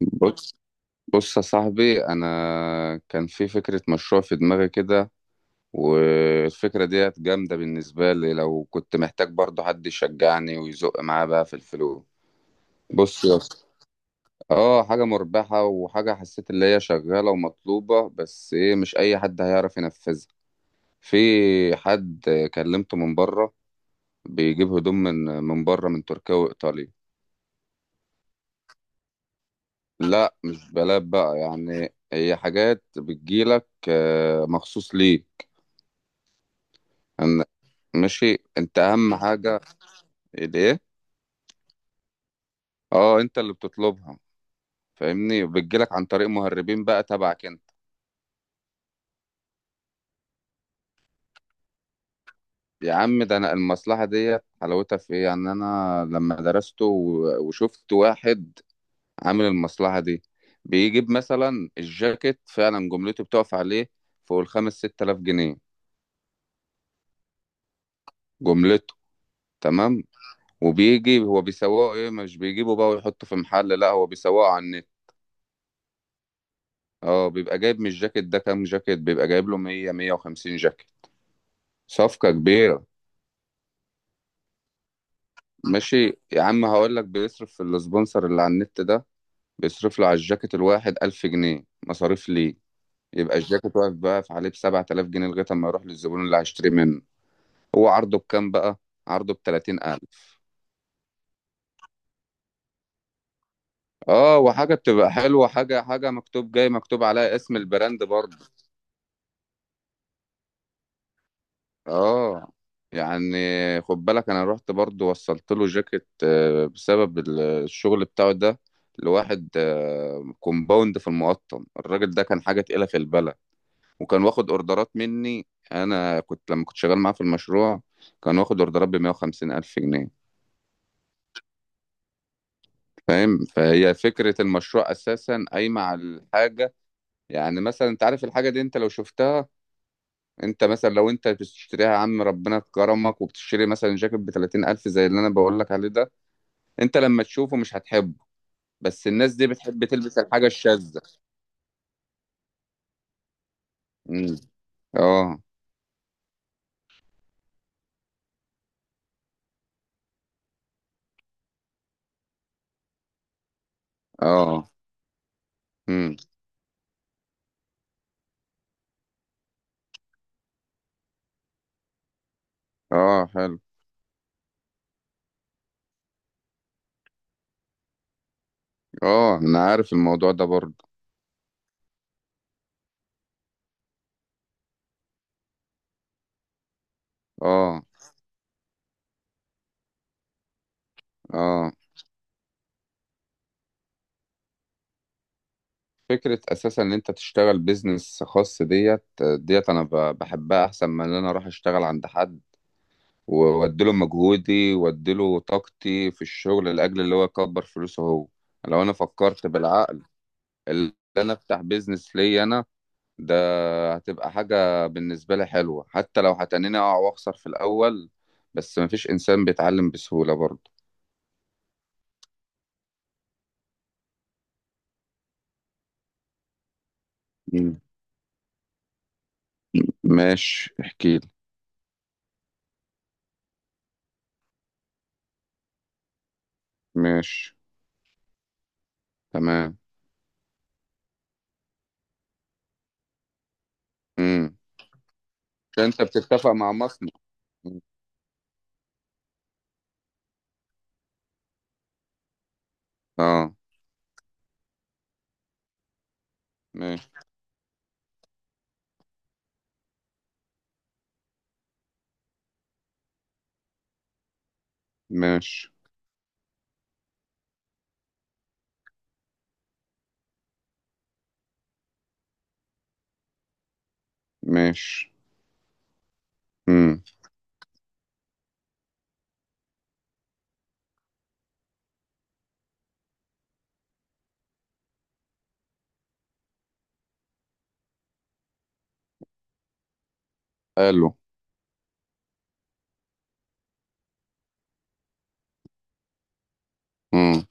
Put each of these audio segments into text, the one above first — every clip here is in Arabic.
بص بص يا صاحبي، انا كان في فكره مشروع في دماغي كده، والفكره ديت جامده بالنسبه لي، لو كنت محتاج برضه حد يشجعني ويزق معاه بقى في الفلوس. بص يا اسطى، اه حاجه مربحه وحاجه حسيت اللي هي شغاله ومطلوبه، بس ايه؟ مش اي حد هيعرف ينفذها. في حد كلمته من بره بيجيب هدوم من بره، من تركيا وايطاليا. لا مش بلاد بقى، يعني هي حاجات بتجيلك مخصوص ليه. أن- ماشي، انت اهم حاجه. الايه؟ اه انت اللي بتطلبها، فاهمني، وبتجيلك عن طريق مهربين بقى تبعك انت. يا عم ده انا المصلحه ديت حلاوتها في ايه؟ يعني انا لما درسته وشفت واحد عامل المصلحه دي، بيجيب مثلا الجاكيت فعلا جملته بتقف عليه فوق الخمس ست الاف جنيه. جملته، تمام. وبيجي هو بيسوقه، ايه مش بيجيبه بقى ويحطه في محل، لا هو بيسوقه عنه. اه، بيبقى جايب من الجاكيت ده كام جاكيت؟ بيبقى جايب له 100 150 جاكيت، صفقة كبيرة. ماشي. يا عم هقول لك، بيصرف في السبونسر اللي على النت ده، بيصرف له على الجاكيت الواحد 1000 جنيه مصاريف ليه. يبقى الجاكيت واقف بقى في عليه ب 7000 جنيه لغاية ما يروح للزبون اللي هيشتري منه. هو عرضه بكام بقى؟ عرضه ب 30000. اه وحاجة بتبقى حلوة، حاجة حاجة مكتوب جاي مكتوب عليها اسم البراند برضه. اه، يعني خد بالك، انا رحت برضو وصلت له جاكيت بسبب الشغل بتاعه ده لواحد كومباوند في المقطم. الراجل ده كان حاجة تقيلة في البلد، وكان واخد اوردرات مني، انا كنت لما كنت شغال معاه في المشروع كان واخد اوردرات ب 150 الف جنيه. فاهم؟ فهي فكرة المشروع اساسا قايمة على الحاجة. يعني مثلا انت عارف الحاجة دي، انت لو شفتها، انت مثلا لو انت بتشتريها يا عم، ربنا كرمك، وبتشتري مثلا جاكيت ب 30000 زي اللي انا بقول لك عليه ده، انت لما تشوفه مش هتحبه، بس الناس دي بتحب تلبس الحاجة الشاذة. امم اه. اه. امم اه، حلو. اه انا عارف الموضوع ده برضه. اه. اه فكرة اساسا ان انت تشتغل بيزنس خاص، ديت ديت انا بحبها احسن من ان انا اروح اشتغل عند حد، واديله مجهودي واديله طاقتي في الشغل لاجل اللي هو يكبر فلوسه هو. لو انا فكرت بالعقل، اللي انا افتح بيزنس ليا انا ده، هتبقى حاجة بالنسبة لي حلوة، حتى لو هتنيني اقع واخسر في الاول، بس مفيش انسان بيتعلم بسهولة برضه. مم. ماشي احكيلي. ماشي. تمام. امم انت بتتفق مع مصنع. مم. اه. ماشي. ماشي. ماشي. امم حلو. مم.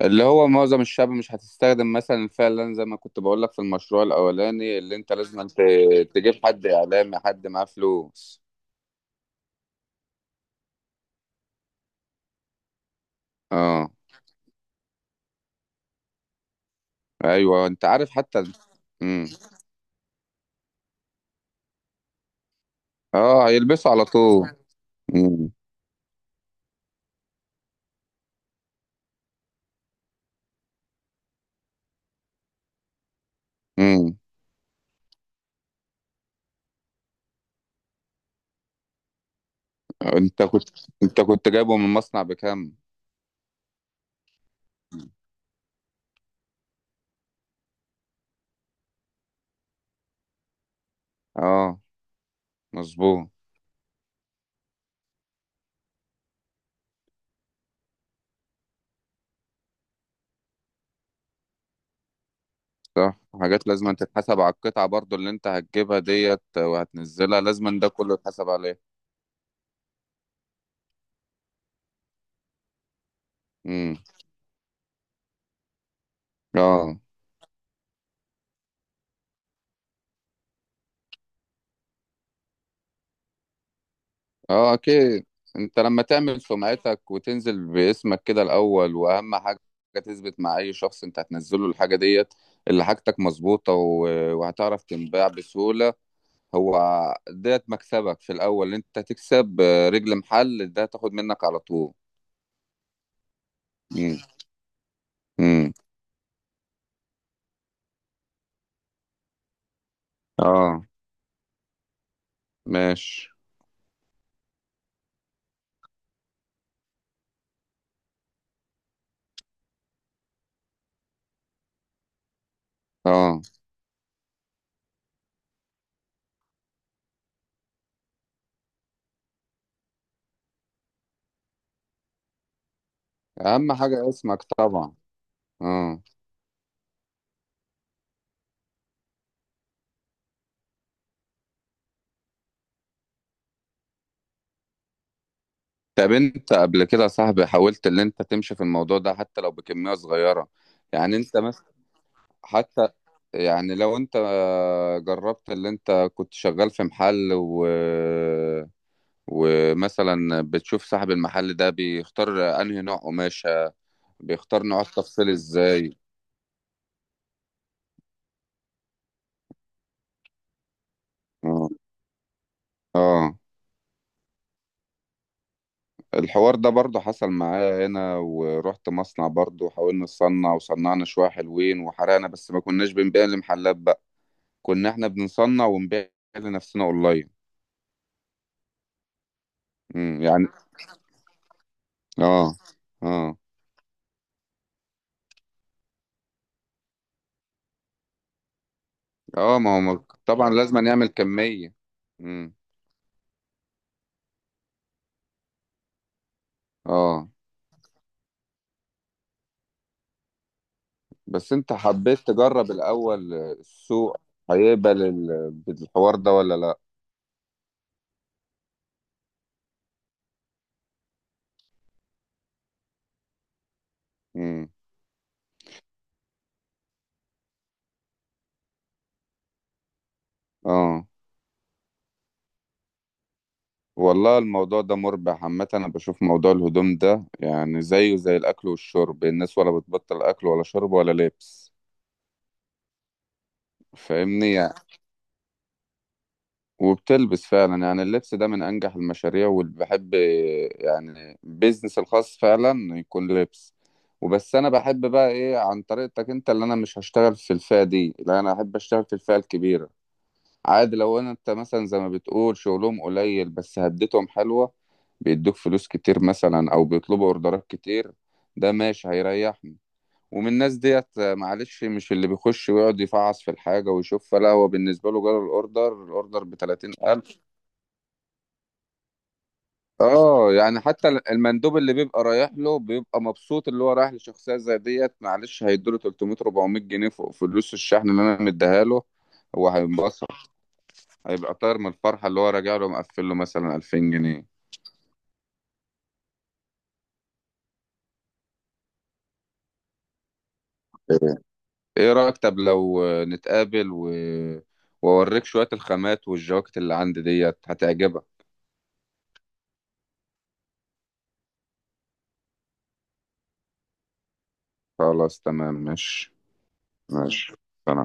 اللي هو معظم الشعب مش هتستخدم مثلا، فعلا زي ما كنت بقول لك في المشروع الاولاني اللي انت لازم انت تجيب حد اعلامي، حد معاه فلوس. اه. ايوه انت عارف حتى. امم اه، هيلبسوا على طول. امم امم انت كنت، انت كنت جايبه من مصنع بكام؟ اه، مظبوط. صح. حاجات لازم أن تتحسب على القطعة برضو، اللي انت هتجيبها ديت وهتنزلها، لازم أن ده كله يتحسب عليه. امم اه. اه اكيد. انت لما تعمل سمعتك وتنزل باسمك كده الاول، واهم حاجه تثبت مع اي شخص انت هتنزله الحاجه ديت اللي حاجتك مظبوطه وهتعرف تنباع بسهوله. هو ديت مكسبك في الاول، انت هتكسب رجل محل ده تاخد منك على طول. امم امم اه. ماشي. اه اهم حاجه اسمك طبعا. اه. طب انت قبل كده يا صاحبي حاولت ان انت تمشي في الموضوع ده حتى لو بكميه صغيره؟ يعني انت، حتى يعني لو انت جربت، اللي انت كنت شغال في محل و... ومثلا بتشوف صاحب المحل ده بيختار انهي نوع قماشة، بيختار نوع التفصيل ازاي. اه. اه. الحوار ده برضه حصل معايا هنا، ورحت مصنع برضه وحاولنا نصنع، وصنعنا شوية حلوين وحرقنا، بس ما كناش بنبيع لمحلات بقى، كنا احنا بنصنع ونبيع لنفسنا اونلاين. يعني. اه. اه. اه ما هو طبعا لازم نعمل كمية. امم اه. بس انت حبيت تجرب الاول السوق هيقبل بالحوار ده ولا لا. امم اه. والله الموضوع ده مربح عامة، انا بشوف موضوع الهدوم ده يعني زيه زي الاكل والشرب، الناس ولا بتبطل اكل ولا شرب ولا لبس. فاهمني، وبتلبس فعلا، يعني اللبس ده من انجح المشاريع واللي بحب، يعني بيزنس الخاص فعلا يكون لبس. وبس انا بحب بقى ايه، عن طريقتك انت، اللي انا مش هشتغل في الفئة دي، لا انا احب اشتغل في الفئة الكبيرة. عادي لو انا، انت مثلا زي ما بتقول شغلهم قليل، بس هدتهم حلوة، بيدوك فلوس كتير مثلا، او بيطلبوا اوردرات كتير، ده ماشي هيريحني. ومن الناس ديت معلش، مش اللي بيخش ويقعد يفعص في الحاجة ويشوف، لا هو بالنسبة له جاله الأوردر، ب 30000، اه يعني. حتى المندوب اللي بيبقى رايح له بيبقى مبسوط، اللي هو رايح لشخصيه زي ديت معلش هيدوله 300 400 جنيه فوق فلوس الشحن اللي انا مديها له. هو هينبسط، هيبقى طاير من الفرحه، اللي هو راجع له مقفل له مثلا 2000 جنيه. ايه رايك طب لو نتقابل و... واوريك شويه الخامات والجواكت اللي عندي ديت هتعجبك. خلاص تمام ماشي. ماشي. سلام.